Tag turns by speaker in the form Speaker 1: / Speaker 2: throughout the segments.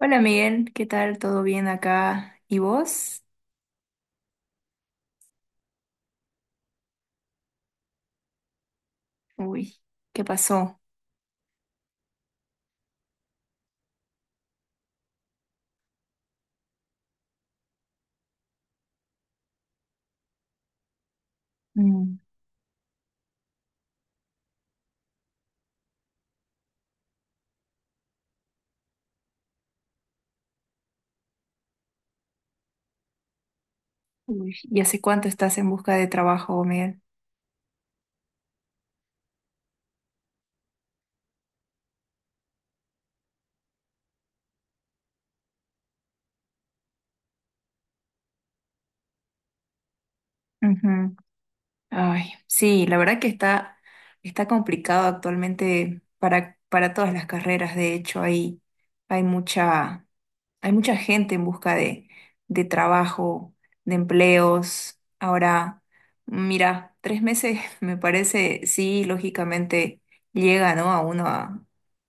Speaker 1: Hola Miguel, ¿qué tal? ¿Todo bien acá? ¿Y vos? Uy, ¿qué pasó? Mm, uy, ¿y hace cuánto estás en busca de trabajo, Miguel? Ujú. Ay, sí, la verdad que está complicado actualmente para todas las carreras. De hecho, hay mucha, Hay mucha gente en busca de trabajo, de empleos. Ahora, mira, 3 meses me parece, sí, lógicamente llega, ¿no? A uno a,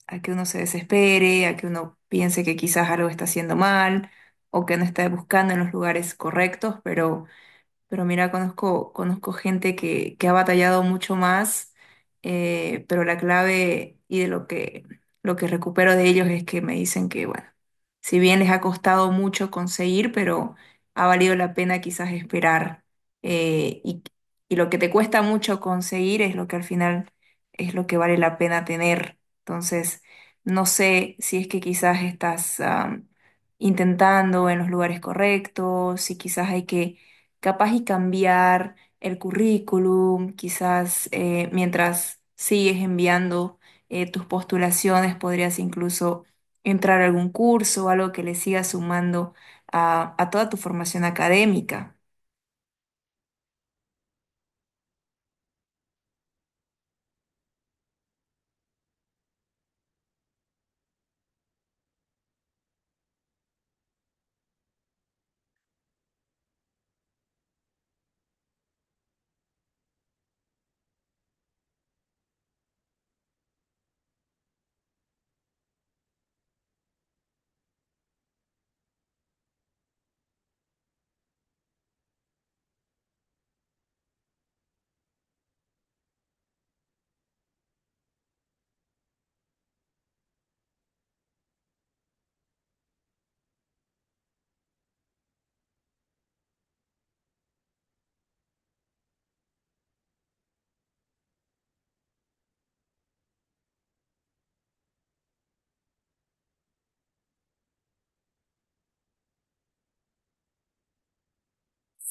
Speaker 1: a que uno se desespere, a que uno piense que quizás algo está haciendo mal o que no está buscando en los lugares correctos, pero mira, conozco gente que ha batallado mucho más, pero la clave y de lo que recupero de ellos es que me dicen que, bueno, si bien les ha costado mucho conseguir, pero ha valido la pena quizás esperar. eh, y, y lo que te cuesta mucho conseguir es lo que al final es lo que vale la pena tener. Entonces, no sé si es que quizás estás, intentando en los lugares correctos, si quizás hay que capaz y cambiar el currículum, quizás mientras sigues enviando tus postulaciones, podrías incluso entrar a algún curso o algo que le siga sumando a toda tu formación académica.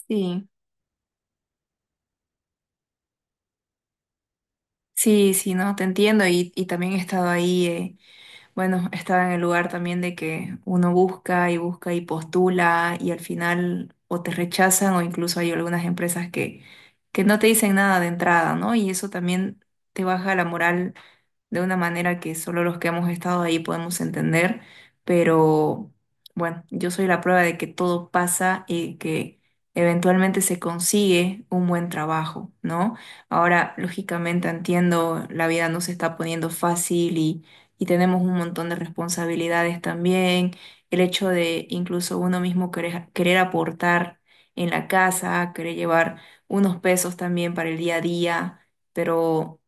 Speaker 1: Sí, sí, sí, no, te entiendo y también he estado ahí. Bueno, estaba en el lugar también de que uno busca y busca y postula y al final o te rechazan o incluso hay algunas empresas que no te dicen nada de entrada, ¿no? Y eso también te baja la moral de una manera que solo los que hemos estado ahí podemos entender, pero bueno, yo soy la prueba de que todo pasa y que eventualmente se consigue un buen trabajo, ¿no? Ahora, lógicamente entiendo, la vida no se está poniendo fácil y tenemos un montón de responsabilidades también, el hecho de incluso uno mismo querer, querer aportar en la casa, querer llevar unos pesos también para el día a día, pero.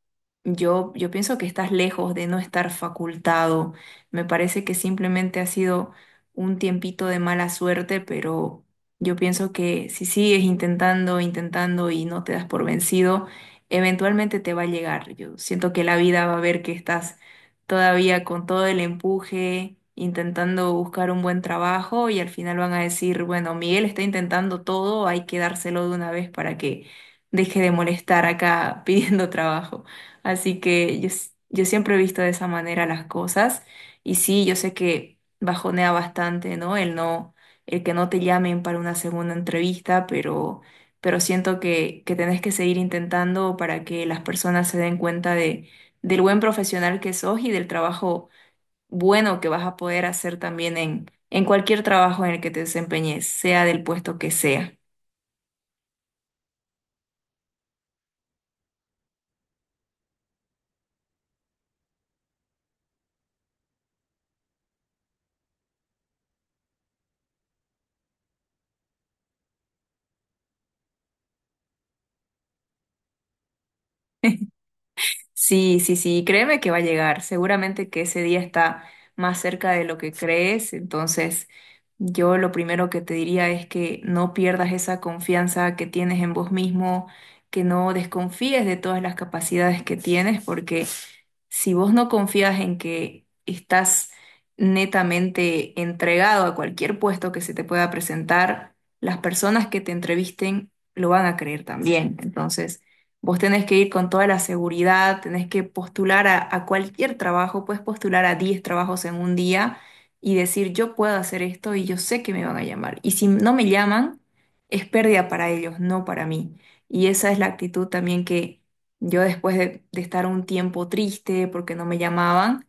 Speaker 1: Yo pienso que estás lejos de no estar facultado. Me parece que simplemente ha sido un tiempito de mala suerte, pero yo pienso que si sigues intentando, intentando y no te das por vencido, eventualmente te va a llegar. Yo siento que la vida va a ver que estás todavía con todo el empuje, intentando buscar un buen trabajo y al final van a decir, bueno, Miguel está intentando todo, hay que dárselo de una vez para que deje de molestar acá pidiendo trabajo. Así que yo, yo siempre he visto de esa manera las cosas y sí, yo sé que bajonea bastante, ¿no? El no, el que no te llamen para una segunda entrevista, pero siento que tenés que seguir intentando para que las personas se den cuenta del buen profesional que sos y del trabajo bueno que vas a poder hacer también en cualquier trabajo en el que te desempeñes, sea del puesto que sea. Sí, sí, sí, créeme que va a llegar. Seguramente que ese día está más cerca de lo que crees. Entonces, yo lo primero que te diría es que no pierdas esa confianza que tienes en vos mismo, que no desconfíes de todas las capacidades que tienes, porque si vos no confías en que estás netamente entregado a cualquier puesto que se te pueda presentar, las personas que te entrevisten lo van a creer también. Entonces, vos tenés que ir con toda la seguridad, tenés que postular a cualquier trabajo, puedes postular a 10 trabajos en un día y decir, yo puedo hacer esto y yo sé que me van a llamar. Y si no me llaman, es pérdida para ellos, no para mí. Y esa es la actitud también que yo después de estar un tiempo triste porque no me llamaban,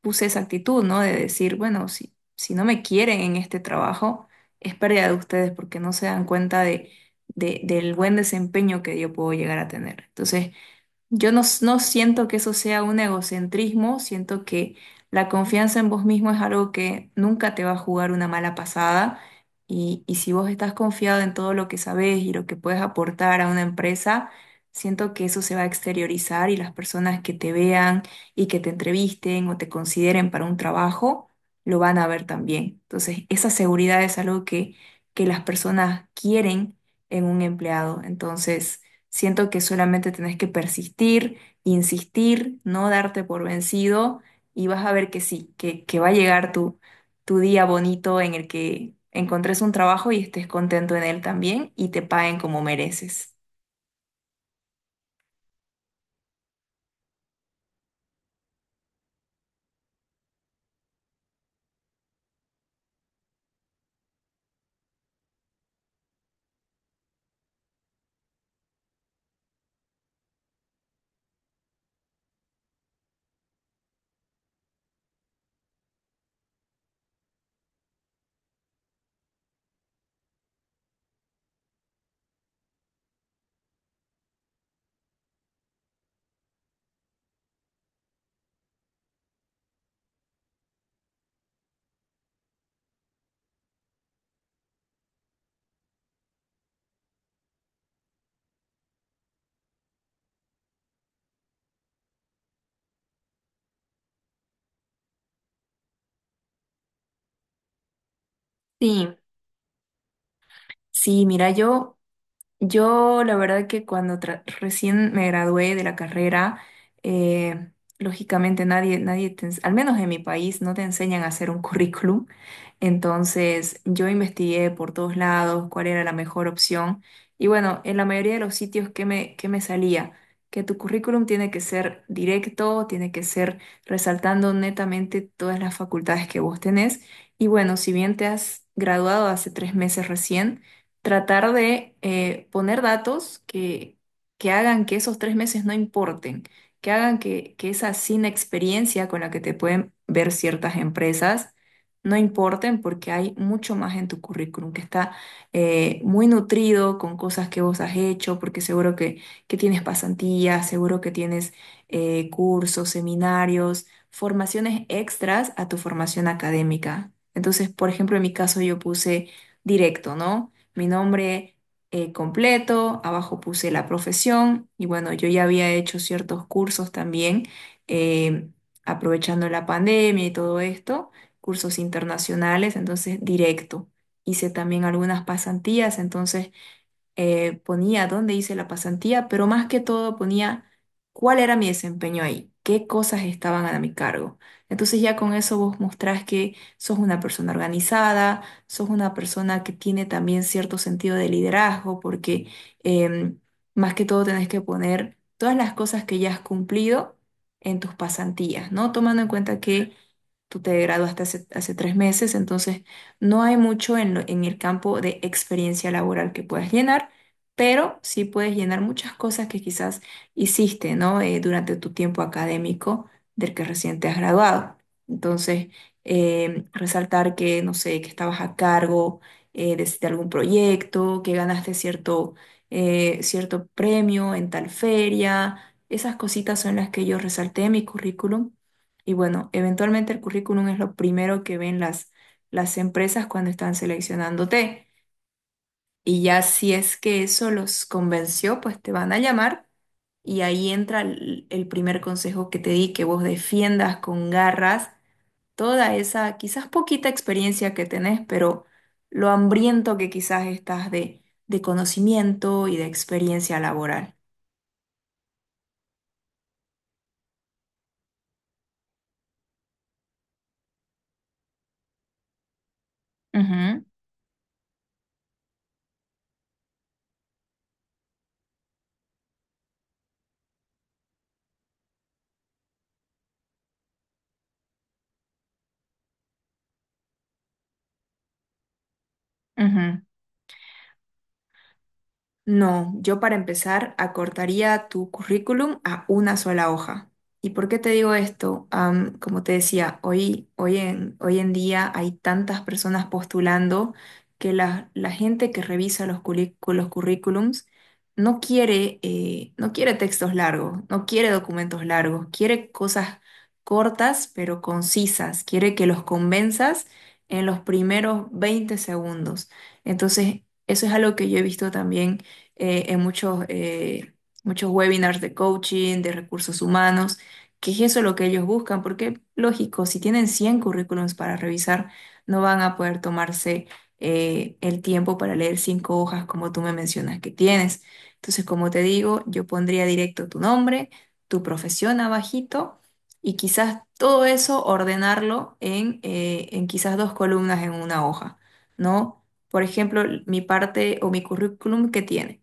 Speaker 1: puse esa actitud, ¿no? De decir, bueno, si no me quieren en este trabajo, es pérdida de ustedes porque no se dan cuenta del buen desempeño que yo puedo llegar a tener. Entonces, yo no, no siento que eso sea un egocentrismo, siento que la confianza en vos mismo es algo que nunca te va a jugar una mala pasada y si vos estás confiado en todo lo que sabés y lo que puedes aportar a una empresa, siento que eso se va a exteriorizar y las personas que te vean y que te entrevisten o te consideren para un trabajo, lo van a ver también. Entonces, esa seguridad es algo que las personas quieren en un empleado. Entonces. Siento que solamente tenés que persistir, insistir, no darte por vencido y vas a ver que sí, que va a llegar tu día bonito en el que encontres un trabajo y estés contento en él también y te paguen como mereces. Sí, sí, mira, yo la verdad que cuando recién me gradué de la carrera, eh, lógicamente nadie al menos en mi país, no te enseñan a hacer un currículum. Entonces yo investigué por todos lados cuál era la mejor opción y bueno, en la mayoría de los sitios que me salía, que tu currículum tiene que ser directo, tiene que ser resaltando netamente todas las facultades que vos tenés y bueno, si bien te has graduado hace 3 meses recién, tratar de poner datos que hagan que esos 3 meses no importen, que hagan que esa sin experiencia con la que te pueden ver ciertas empresas, no importen porque hay mucho más en tu currículum que está muy nutrido con cosas que vos has hecho, porque seguro que tienes pasantías, seguro que tienes cursos, seminarios, formaciones extras a tu formación académica. Entonces, por ejemplo, en mi caso yo puse directo, ¿no? Mi nombre completo, abajo puse la profesión y bueno, yo ya había hecho ciertos cursos también, eh, aprovechando la pandemia y todo esto cursos internacionales, entonces directo. Hice también algunas pasantías, entonces ponía dónde hice la pasantía, pero más que todo ponía cuál era mi desempeño ahí, qué cosas estaban a mi cargo. Entonces ya con eso vos mostrás que sos una persona organizada, sos una persona que tiene también cierto sentido de liderazgo, porque em, más que todo tenés que poner todas las cosas que ya has cumplido en tus pasantías, ¿no? Tomando en cuenta que tú te graduaste hace 3 meses, entonces no hay mucho en el campo de experiencia laboral que puedas llenar, pero sí puedes llenar muchas cosas que quizás hiciste, ¿no? Durante tu tiempo académico del que recién te has graduado. Entonces, resaltar que, no sé, que estabas a cargo de algún proyecto, que ganaste cierto premio en tal feria. Esas cositas son las que yo resalté en mi currículum y bueno, eventualmente el currículum es lo primero que ven las empresas cuando están seleccionándote. Y ya si es que eso los convenció, pues te van a llamar y ahí entra el primer consejo que te di, que vos defiendas con garras toda esa quizás poquita experiencia que tenés, pero lo hambriento que quizás estás de conocimiento y de experiencia laboral. Ujú, ujú. No, yo para empezar acortaría tu currículum a una sola hoja. ¿Y por qué te digo esto? Como te decía, hoy en día hay tantas personas postulando que la gente que revisa los currículums no quiere, no quiere textos largos, no quiere documentos largos, quiere cosas cortas pero concisas, quiere que los convenzas en los primeros 20 segundos. Entonces, eso es algo que yo he visto también en muchos webinars de coaching, de recursos humanos, que es eso lo que ellos buscan, porque lógico, si tienen 100 currículums para revisar, no van a poder tomarse el tiempo para leer cinco hojas como tú me mencionas que tienes. Entonces, como te digo, yo pondría directo tu nombre, tu profesión abajito y quizás todo eso ordenarlo en quizás dos columnas en una hoja, ¿no? Por ejemplo, mi parte o mi currículum que tiene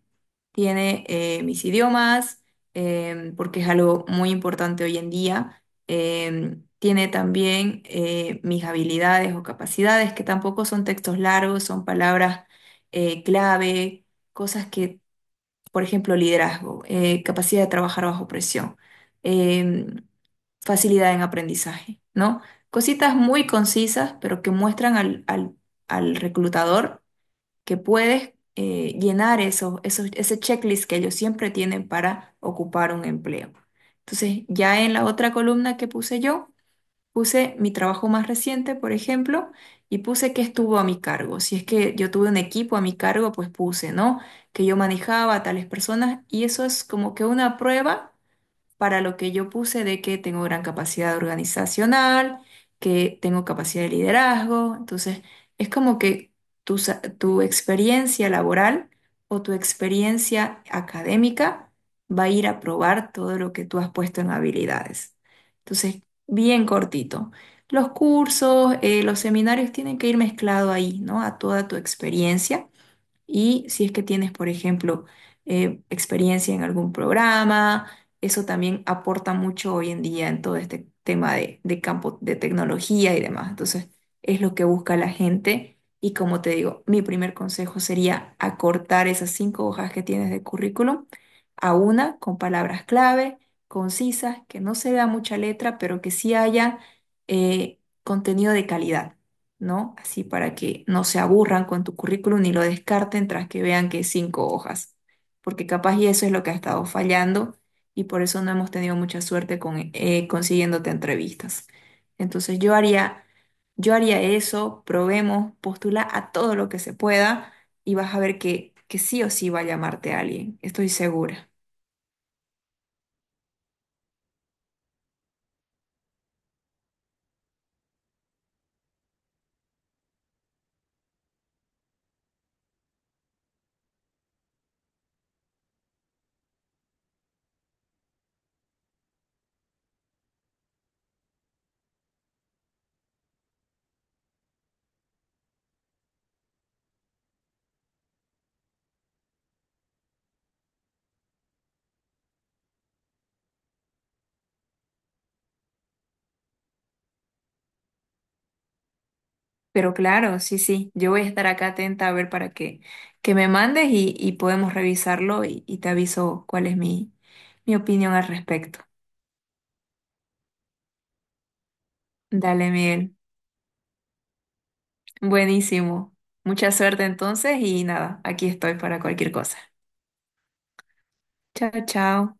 Speaker 1: tiene mis idiomas, porque es algo muy importante hoy en día. Tiene también mis habilidades o capacidades, que tampoco son textos largos, son palabras clave, cosas que, por ejemplo, liderazgo, capacidad de trabajar bajo presión, em, facilidad en aprendizaje, ¿no? Cositas muy concisas, pero que muestran al reclutador que puedes llenar ese checklist que ellos siempre tienen para ocupar un empleo. Entonces, ya en la otra columna que puse yo, puse mi trabajo más reciente, por ejemplo, y puse qué estuvo a mi cargo. Si es que yo tuve un equipo a mi cargo, pues puse, ¿no? Que yo manejaba a tales personas y eso es como que una prueba para lo que yo puse de que tengo gran capacidad organizacional, que tengo capacidad de liderazgo. Entonces, es como que tu experiencia laboral o tu experiencia académica va a ir a probar todo lo que tú has puesto en habilidades. Entonces, bien cortito. Los cursos, los seminarios tienen que ir mezclado ahí, ¿no? A toda tu experiencia y si es que tienes, por ejemplo, experiencia en algún programa, eso también aporta mucho hoy en día en todo este tema de campo de tecnología y demás. Entonces, es lo que busca la gente. Y como te digo, mi primer consejo sería acortar esas cinco hojas que tienes de currículum a una con palabras clave, concisas, que no se vea mucha letra, pero que sí haya contenido de calidad. ¿No? Así para que no se aburran con tu currículum ni lo descarten tras que vean que es cinco hojas, porque capaz y eso es lo que ha estado fallando y por eso no hemos tenido mucha suerte con consiguiéndote entrevistas. Entonces yo haría eso, probemos, postula a todo lo que se pueda y vas a ver que sí o sí va a llamarte alguien, estoy segura. Pero claro, sí, sí, yo voy a estar acá atenta a ver para que me mandes y podemos revisarlo y te aviso cuál es mi opinión al respecto. Dale, Miguel. Buenísimo. Mucha suerte entonces y nada, aquí estoy para cualquier cosa. Chao, chao.